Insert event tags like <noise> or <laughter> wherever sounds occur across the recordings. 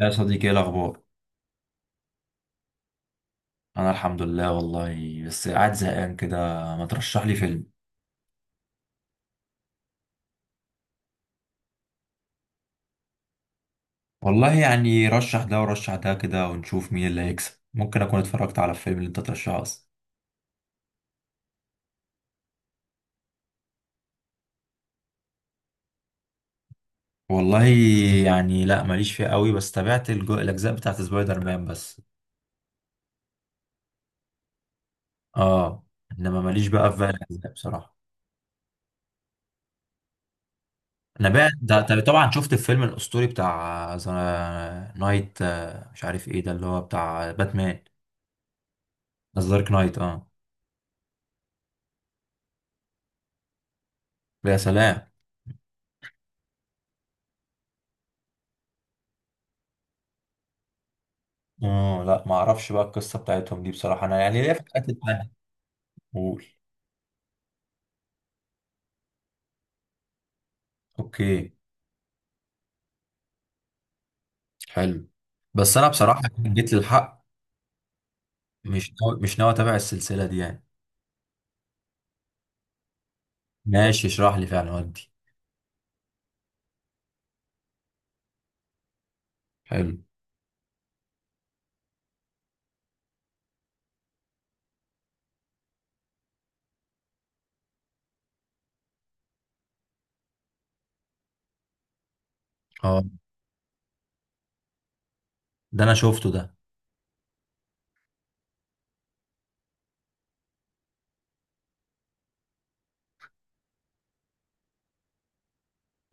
يا صديقي، ايه الاخبار؟ انا الحمد لله، والله بس قاعد زهقان كده. ما ترشح لي فيلم؟ والله يعني رشح ده ورشح ده كده ونشوف مين اللي هيكسب. ممكن اكون اتفرجت على الفيلم اللي انت ترشحه اصلا. والله يعني لا، ماليش فيه قوي، بس تابعت الاجزاء بتاعت سبايدر مان بس. اه، انما ماليش بقى في باقي الاجزاء بصراحه. انا بقى ده طبعا شفت الفيلم الاسطوري بتاع ذا نايت، مش عارف ايه ده اللي هو بتاع باتمان. ذا دارك نايت اه. يا سلام. اه، لا ما اعرفش بقى القصه بتاعتهم دي بصراحه، انا يعني ليه في الحاجات التانية. قول. اوكي. حلو. بس انا بصراحه جيت للحق. مش ناوي اتابع السلسله دي يعني. ماشي اشرح لي فعلا ودي. حلو. اه، ده انا شفته ده.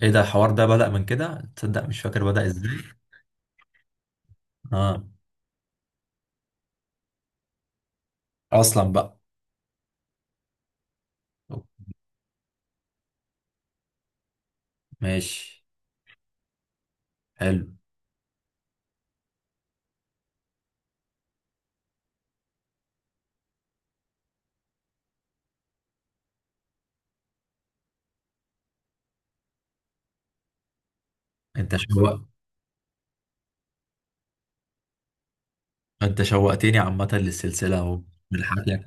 ايه ده الحوار ده بدأ من كده؟ تصدق مش فاكر بدأ ازاي. اه، اصلا بقى. أوك، ماشي. حلو. انت شوق انت شوقتني عامه للسلسله اهو، من حكيك.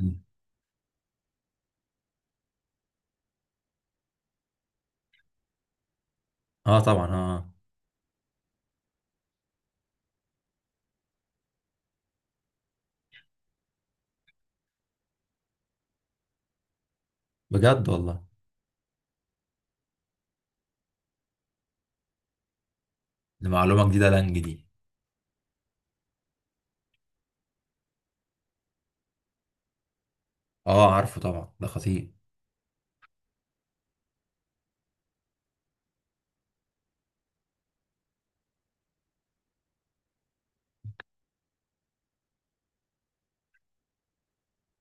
اه طبعا اه آه. بجد والله؟ دي معلومه جديده لانج دي. اه عارفه طبعا، ده خطير.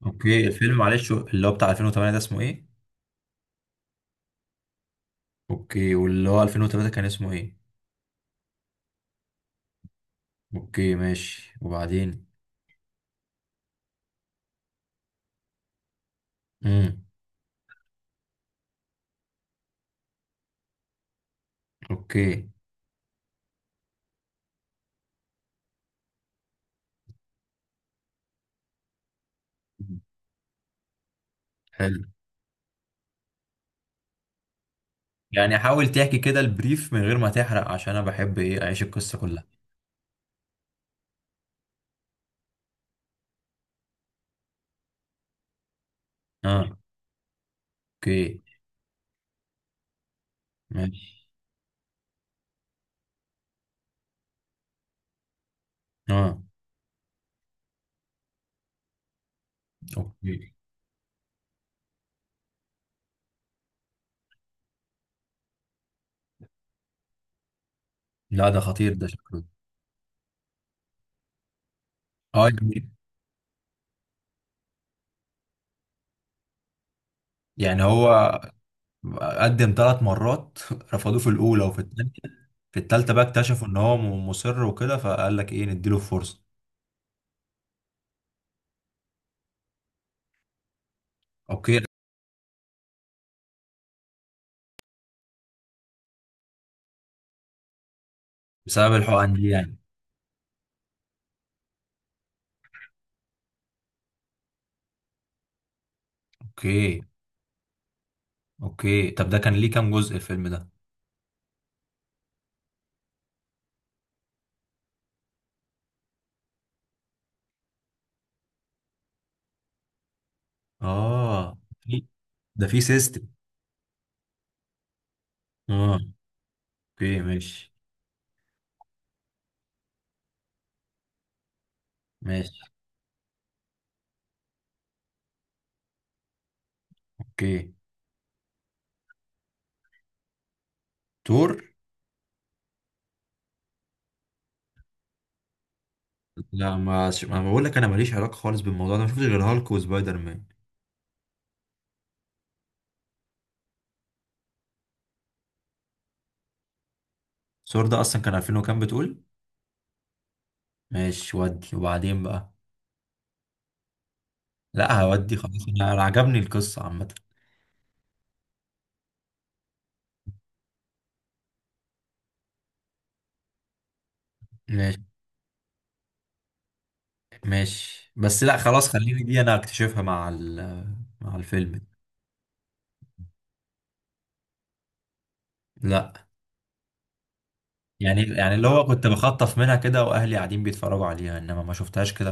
اوكي الفيلم، معلش، اللي هو بتاع 2008 ده اسمه ايه؟ اوكي، واللي هو 2003 كان اسمه ايه؟ اوكي ماشي، وبعدين؟ امم. اوكي. حلو. يعني حاول تحكي كده البريف من غير ما تحرق، عشان انا بحب ايه، اعيش القصة كلها. اه. اوكي. ماشي. اه. اوكي. لا ده خطير ده شكله. اه يعني. يعني هو قدم ثلاث مرات <laughs> رفضوه في الاولى وفي الثانيه، في الثالثه بقى اكتشفوا ان هو مصر وكده، فقال لك ايه، نديله فرصه. اوكي. بسبب الحقن دي يعني. اوكي. اوكي، طب ده كان ليه كام جزء الفيلم ده؟ اه ده في سيستم. اه. اوكي ماشي. ماشي. اوكي. تور. لا ما بقول لك، انا ماليش علاقه خالص بالموضوع ده، ما شفتش غير هالك وسبايدر مان. ثور ده اصلا كان 2000 وكام بتقول؟ ماشي ودي، وبعدين بقى. لا هودي خلاص، أنا عجبني القصه عامه. ماشي. ماشي، بس لا خلاص، خليني دي انا اكتشفها مع الفيلم. لا. يعني اللي هو كنت بخطف منها كده واهلي قاعدين بيتفرجوا عليها، انما ما شفتهاش كده.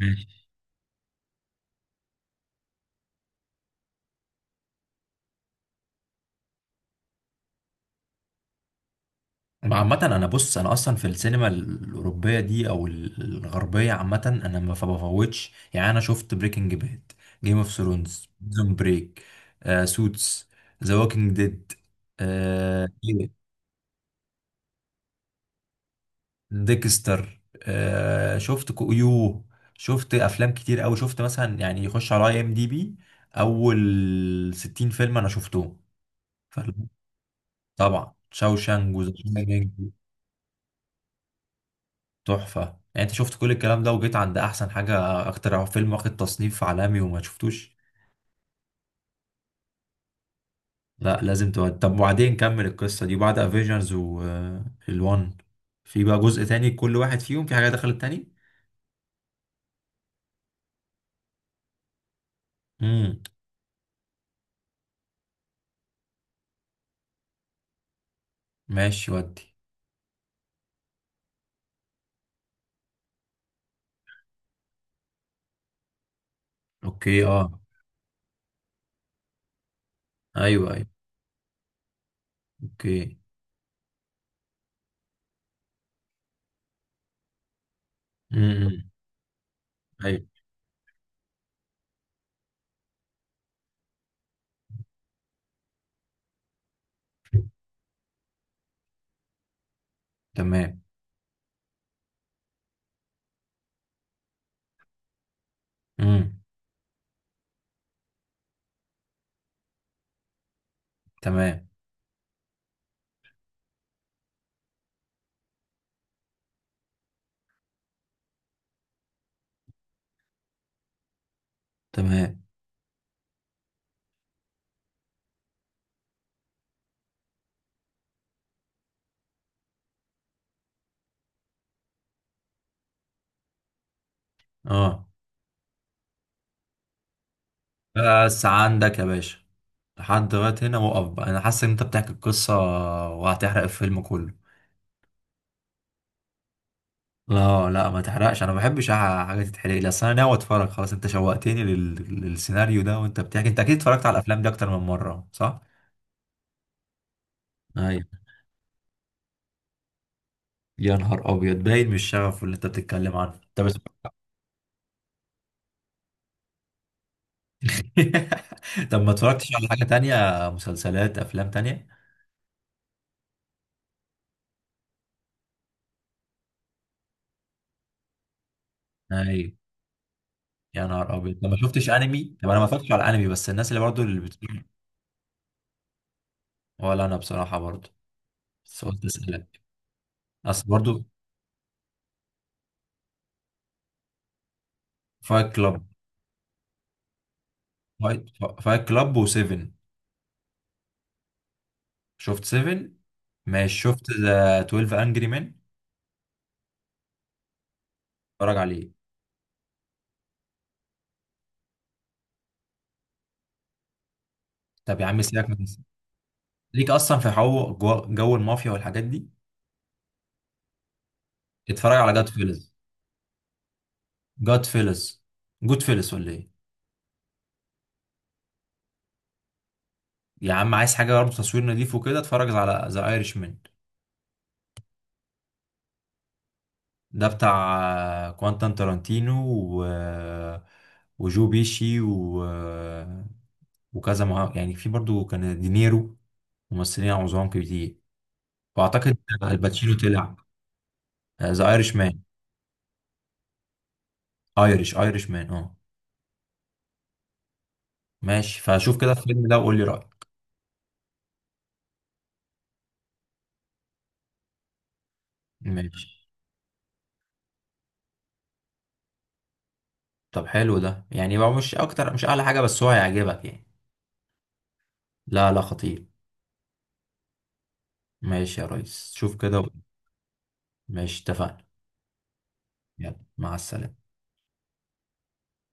ماشي. عامة أنا، بص، أنا أصلا في السينما الأوروبية دي أو الغربية عامة أنا ما بفوتش، يعني أنا شفت بريكنج باد، جيم اوف ثرونز، بريزون بريك، سوتس، ذا ووكينج ديد، آه ديكستر، شفت يو. شفت أفلام كتير أوي، شفت مثلا يعني يخش على أي إم دي بي، أول 60 فيلم أنا شفتهم. طبعا شاوشانج وذا شاينينج. تحفه، يعني انت شفت كل الكلام ده وجيت عند احسن حاجه؟ اكتر فيلم واخد تصنيف عالمي وما شفتوش؟ لا لازم تود. طب وبعدين كمل القصه دي بعد افيجنز والوان، في بقى جزء تاني كل واحد فيهم في حاجه دخلت تاني. امم. ماشي ودي. اوكي. اه. ايوه ايوه. اوكي. امم. ايوه. تمام. امم. تمام. تمام. اه بس عندك يا باشا، لحد دلوقتي هنا وقف بقى، انا حاسس ان انت بتحكي القصه وهتحرق الفيلم كله. لا لا ما تحرقش، انا ما بحبش حاجه تتحرق لي، اصل انا ناوي اتفرج خلاص، انت شوقتني للسيناريو ده. وانت بتحكي انت اكيد اتفرجت على الافلام دي اكتر من مره، صح؟ ايوه. يا نهار ابيض، باين من الشغف اللي انت بتتكلم عنه. طب <laughs> طب ما اتفرجتش على حاجه تانية؟ مسلسلات، افلام تانية؟ ايوه. يا نهار ابيض. طب ما شفتش انمي؟ طب انا ما اتفرجتش على انمي، بس الناس اللي برضو اللي بتقول. ولا انا بصراحه برضو، بس قلت اسالك. اصل برضو. فايت كلاب. فايت فايت كلاب، وسيفن. شفت سيفن. ماشي، شفت ذا 12 انجري مان؟ اتفرج عليه. طب يا عم سيبك من. ليك اصلا في جو المافيا والحاجات دي. اتفرج على جاد فيلز. جاد فيلز، جود فيلز، ولا ايه؟ يا عم عايز حاجه برضه تصوير نضيف وكده، اتفرج على ذا ايرش مان. ده بتاع كوانتان تارانتينو، و... وجو بيشي، وكذا يعني في برضه كان دينيرو، ممثلين عظام كتير، واعتقد الباتشينو طلع. ذا ايرش مان. ايرش مان، اه. ماشي، فشوف كده الفيلم ده وقول لي رايك. ماشي. طب حلو ده؟ يعني هو مش اكتر، مش اعلى حاجه، بس هو هيعجبك يعني. لا لا، خطير. ماشي يا ريس، شوف كده وقول. ماشي اتفقنا. يلا مع السلامه.